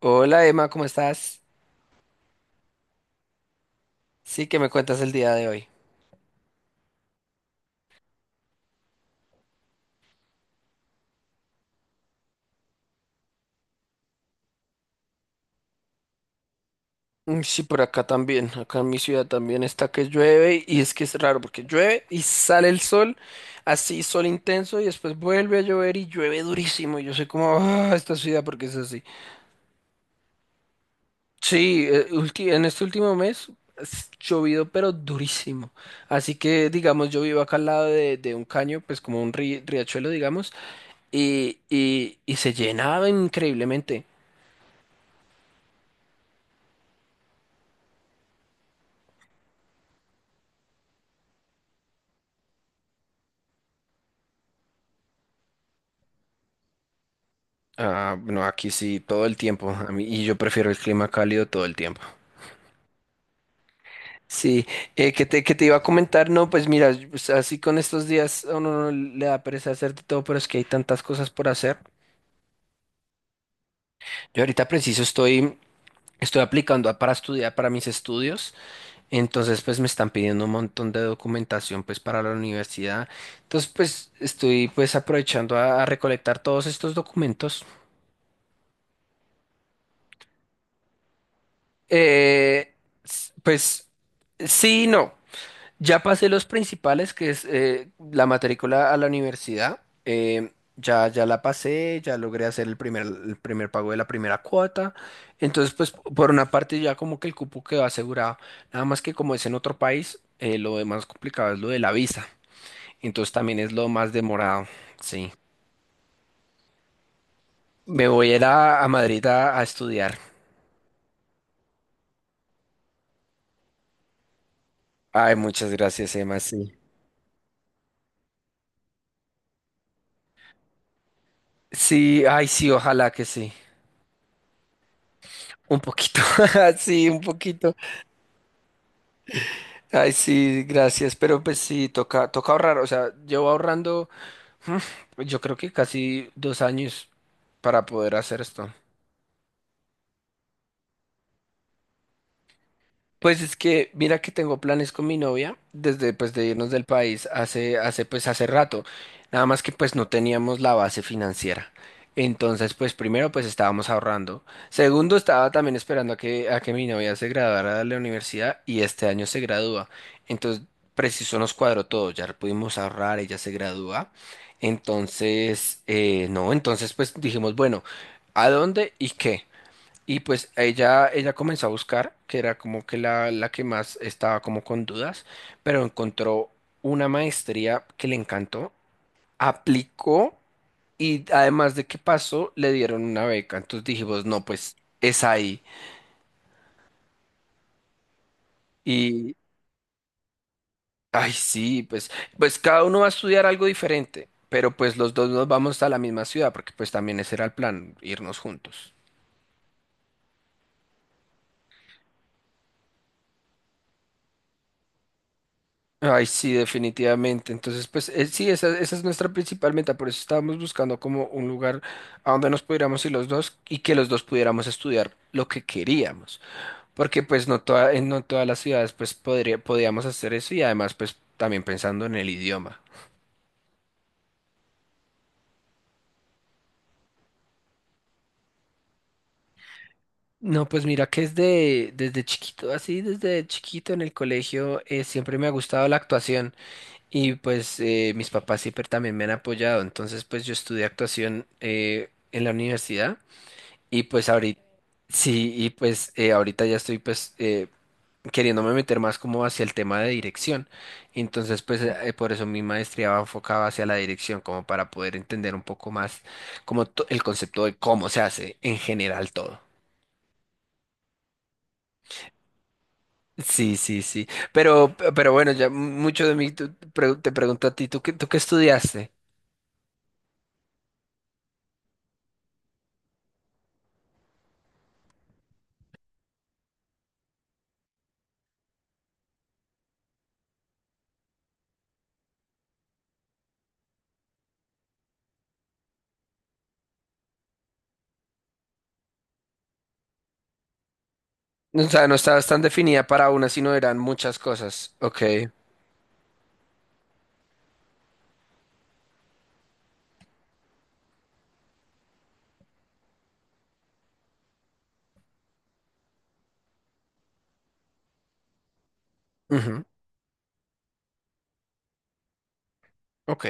Hola Emma, ¿cómo estás? Sí, ¿que me cuentas el día de hoy? Mm, sí, por acá también, acá en mi ciudad también está que llueve y es que es raro porque llueve y sale el sol, así sol intenso y después vuelve a llover y llueve durísimo. Yo soy como, ah, esta ciudad porque es así. Sí, en este último mes es llovido pero durísimo. Así que digamos, yo vivo acá al lado de un caño, pues como un riachuelo, digamos, y se llenaba increíblemente. Ah, no, aquí sí, todo el tiempo. A mí, y yo prefiero el clima cálido todo el tiempo. Sí, que te iba a comentar, no, pues mira, pues, así con estos días a uno no le da pereza hacer de todo, pero es que hay tantas cosas por hacer. Yo ahorita preciso estoy, estoy aplicando para estudiar para mis estudios, entonces pues me están pidiendo un montón de documentación pues para la universidad. Entonces pues estoy pues aprovechando a recolectar todos estos documentos. Eh, pues sí, y no. Ya pasé los principales, que es la matrícula a la universidad. Ya la pasé, ya logré hacer el primer pago de la primera cuota. Entonces, pues por una parte ya como que el cupo quedó asegurado. Nada más que como es en otro país, lo de más complicado es lo de la visa. Entonces también es lo más demorado. Sí. Me voy a ir a Madrid a estudiar. Ay, muchas gracias, Emma. Sí. Sí, ay, sí, ojalá que sí. Un poquito. Sí, un poquito. Ay, sí, gracias, pero pues sí, toca ahorrar, o sea, llevo ahorrando, yo creo que casi dos años para poder hacer esto. Pues es que mira que tengo planes con mi novia desde pues de irnos del país hace pues hace rato. Nada más que pues no teníamos la base financiera. Entonces, pues primero pues estábamos ahorrando. Segundo, estaba también esperando a que mi novia se graduara de la universidad y este año se gradúa. Entonces, preciso nos cuadró todo, ya pudimos ahorrar, ella se gradúa. Entonces, no, entonces pues dijimos, bueno, ¿a dónde y qué? Y pues ella comenzó a buscar, que era como que la que más estaba como con dudas, pero encontró una maestría que le encantó, aplicó y además de que pasó, le dieron una beca. Entonces dijimos, no, pues es ahí. Y, ay, sí, pues, pues cada uno va a estudiar algo diferente, pero pues los dos nos vamos a la misma ciudad, porque pues también ese era el plan, irnos juntos. Ay, sí, definitivamente. Entonces, pues sí, esa es nuestra principal meta. Por eso estábamos buscando como un lugar a donde nos pudiéramos ir los dos y que los dos pudiéramos estudiar lo que queríamos. Porque pues no todas las ciudades pues podíamos hacer eso y además pues también pensando en el idioma. No, pues mira que desde chiquito, así desde chiquito en el colegio siempre me ha gustado la actuación y pues mis papás siempre también me han apoyado. Entonces pues yo estudié actuación en la universidad. Y pues ahorita, sí, y pues ahorita ya estoy pues queriéndome meter más como hacia el tema de dirección. Entonces pues por eso mi maestría va enfocada hacia la dirección, como para poder entender un poco más como el concepto de cómo se hace en general todo. Sí, sí, sí. Pero bueno, ya mucho de mí te pregunto a ti, ¿tú qué estudiaste? O sea, no estabas tan definida para una, sino eran muchas cosas. Ok. Ujú. Ok.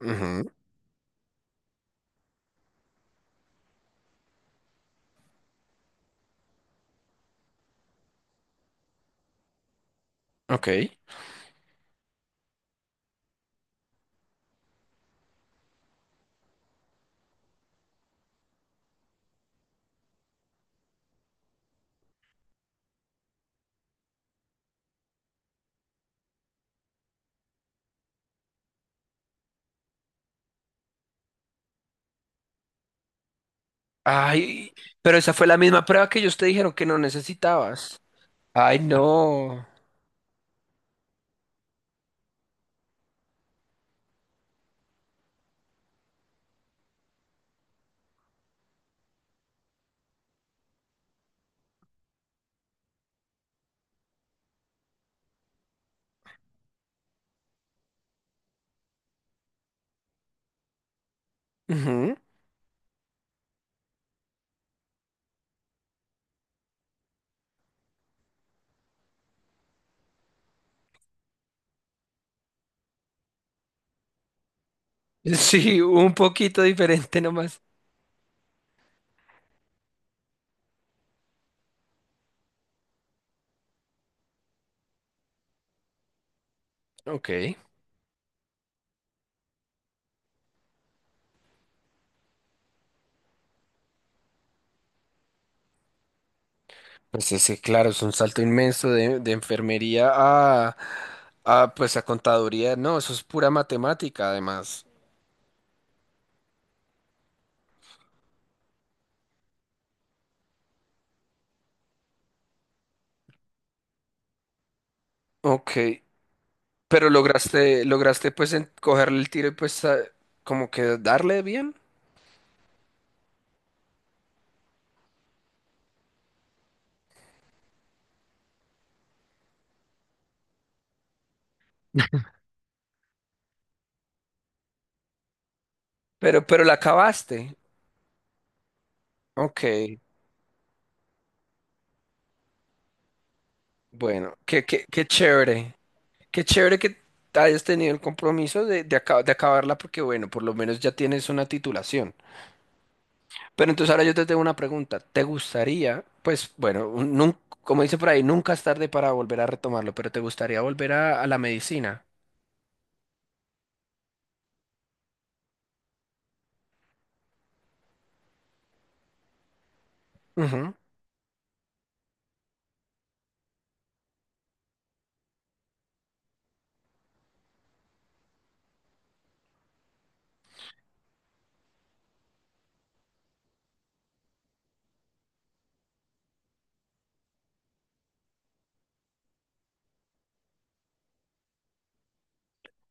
Ujú. Ok. Ay, pero esa fue la misma prueba que ellos te dijeron que no necesitabas. Ay, no. Ujú. Sí, un poquito diferente nomás. Ok. Pues ese, claro, es un salto inmenso de enfermería pues a contaduría. No, eso es pura matemática, además. Ok. Pero lograste pues cogerle el tiro y pues como que darle bien. Pero la acabaste. Ok. Bueno, qué chévere. Qué chévere que hayas tenido el compromiso de acabarla porque, bueno, por lo menos ya tienes una titulación. Pero entonces ahora yo te tengo una pregunta. ¿Te gustaría, pues, bueno, como dice por ahí, nunca es tarde para volver a retomarlo, pero ¿te gustaría volver a la medicina? Ujú.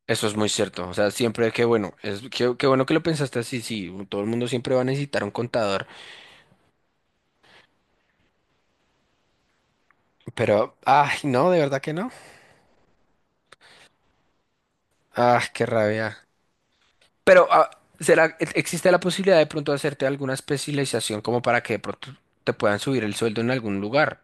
Eso es muy cierto. O sea, siempre que bueno, es que, bueno que lo pensaste así, sí, todo el mundo siempre va a necesitar un contador. Pero, ay, no, de verdad que no. Ah, qué rabia. Pero, ah, ¿Será, existe la posibilidad de pronto hacerte alguna especialización como para que de pronto te puedan subir el sueldo en algún lugar?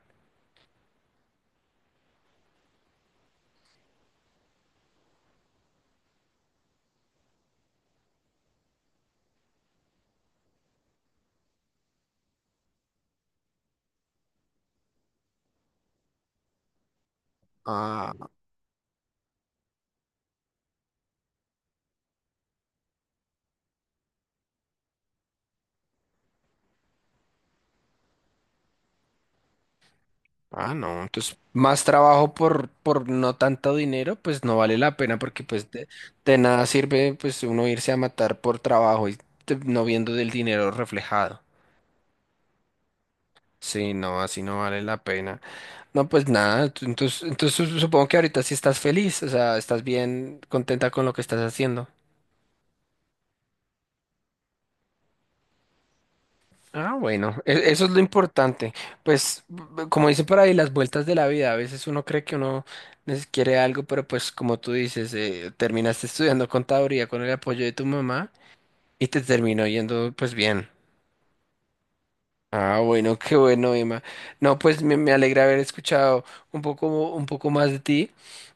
Ah, ah, no. Entonces, más trabajo por no tanto dinero, pues no vale la pena porque pues de nada sirve pues uno irse a matar por trabajo y no viendo del dinero reflejado. Sí, no, así no vale la pena. No, pues nada, entonces, entonces supongo que ahorita sí estás feliz, o sea, estás bien contenta con lo que estás haciendo. Ah, bueno, eso es lo importante. Pues, como dicen por ahí, las vueltas de la vida. A veces uno cree que uno quiere algo, pero pues como tú dices, terminaste estudiando contaduría con el apoyo de tu mamá y te terminó yendo pues bien. Ah, bueno, qué bueno, Emma. No, pues me alegra haber escuchado un poco, un poco más de ti.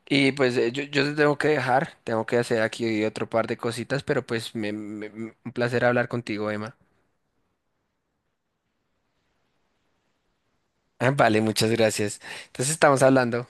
Y pues yo te tengo que dejar, tengo que hacer aquí otro par de cositas, pero pues un placer hablar contigo, Emma. Ah, vale, muchas gracias. Entonces estamos hablando.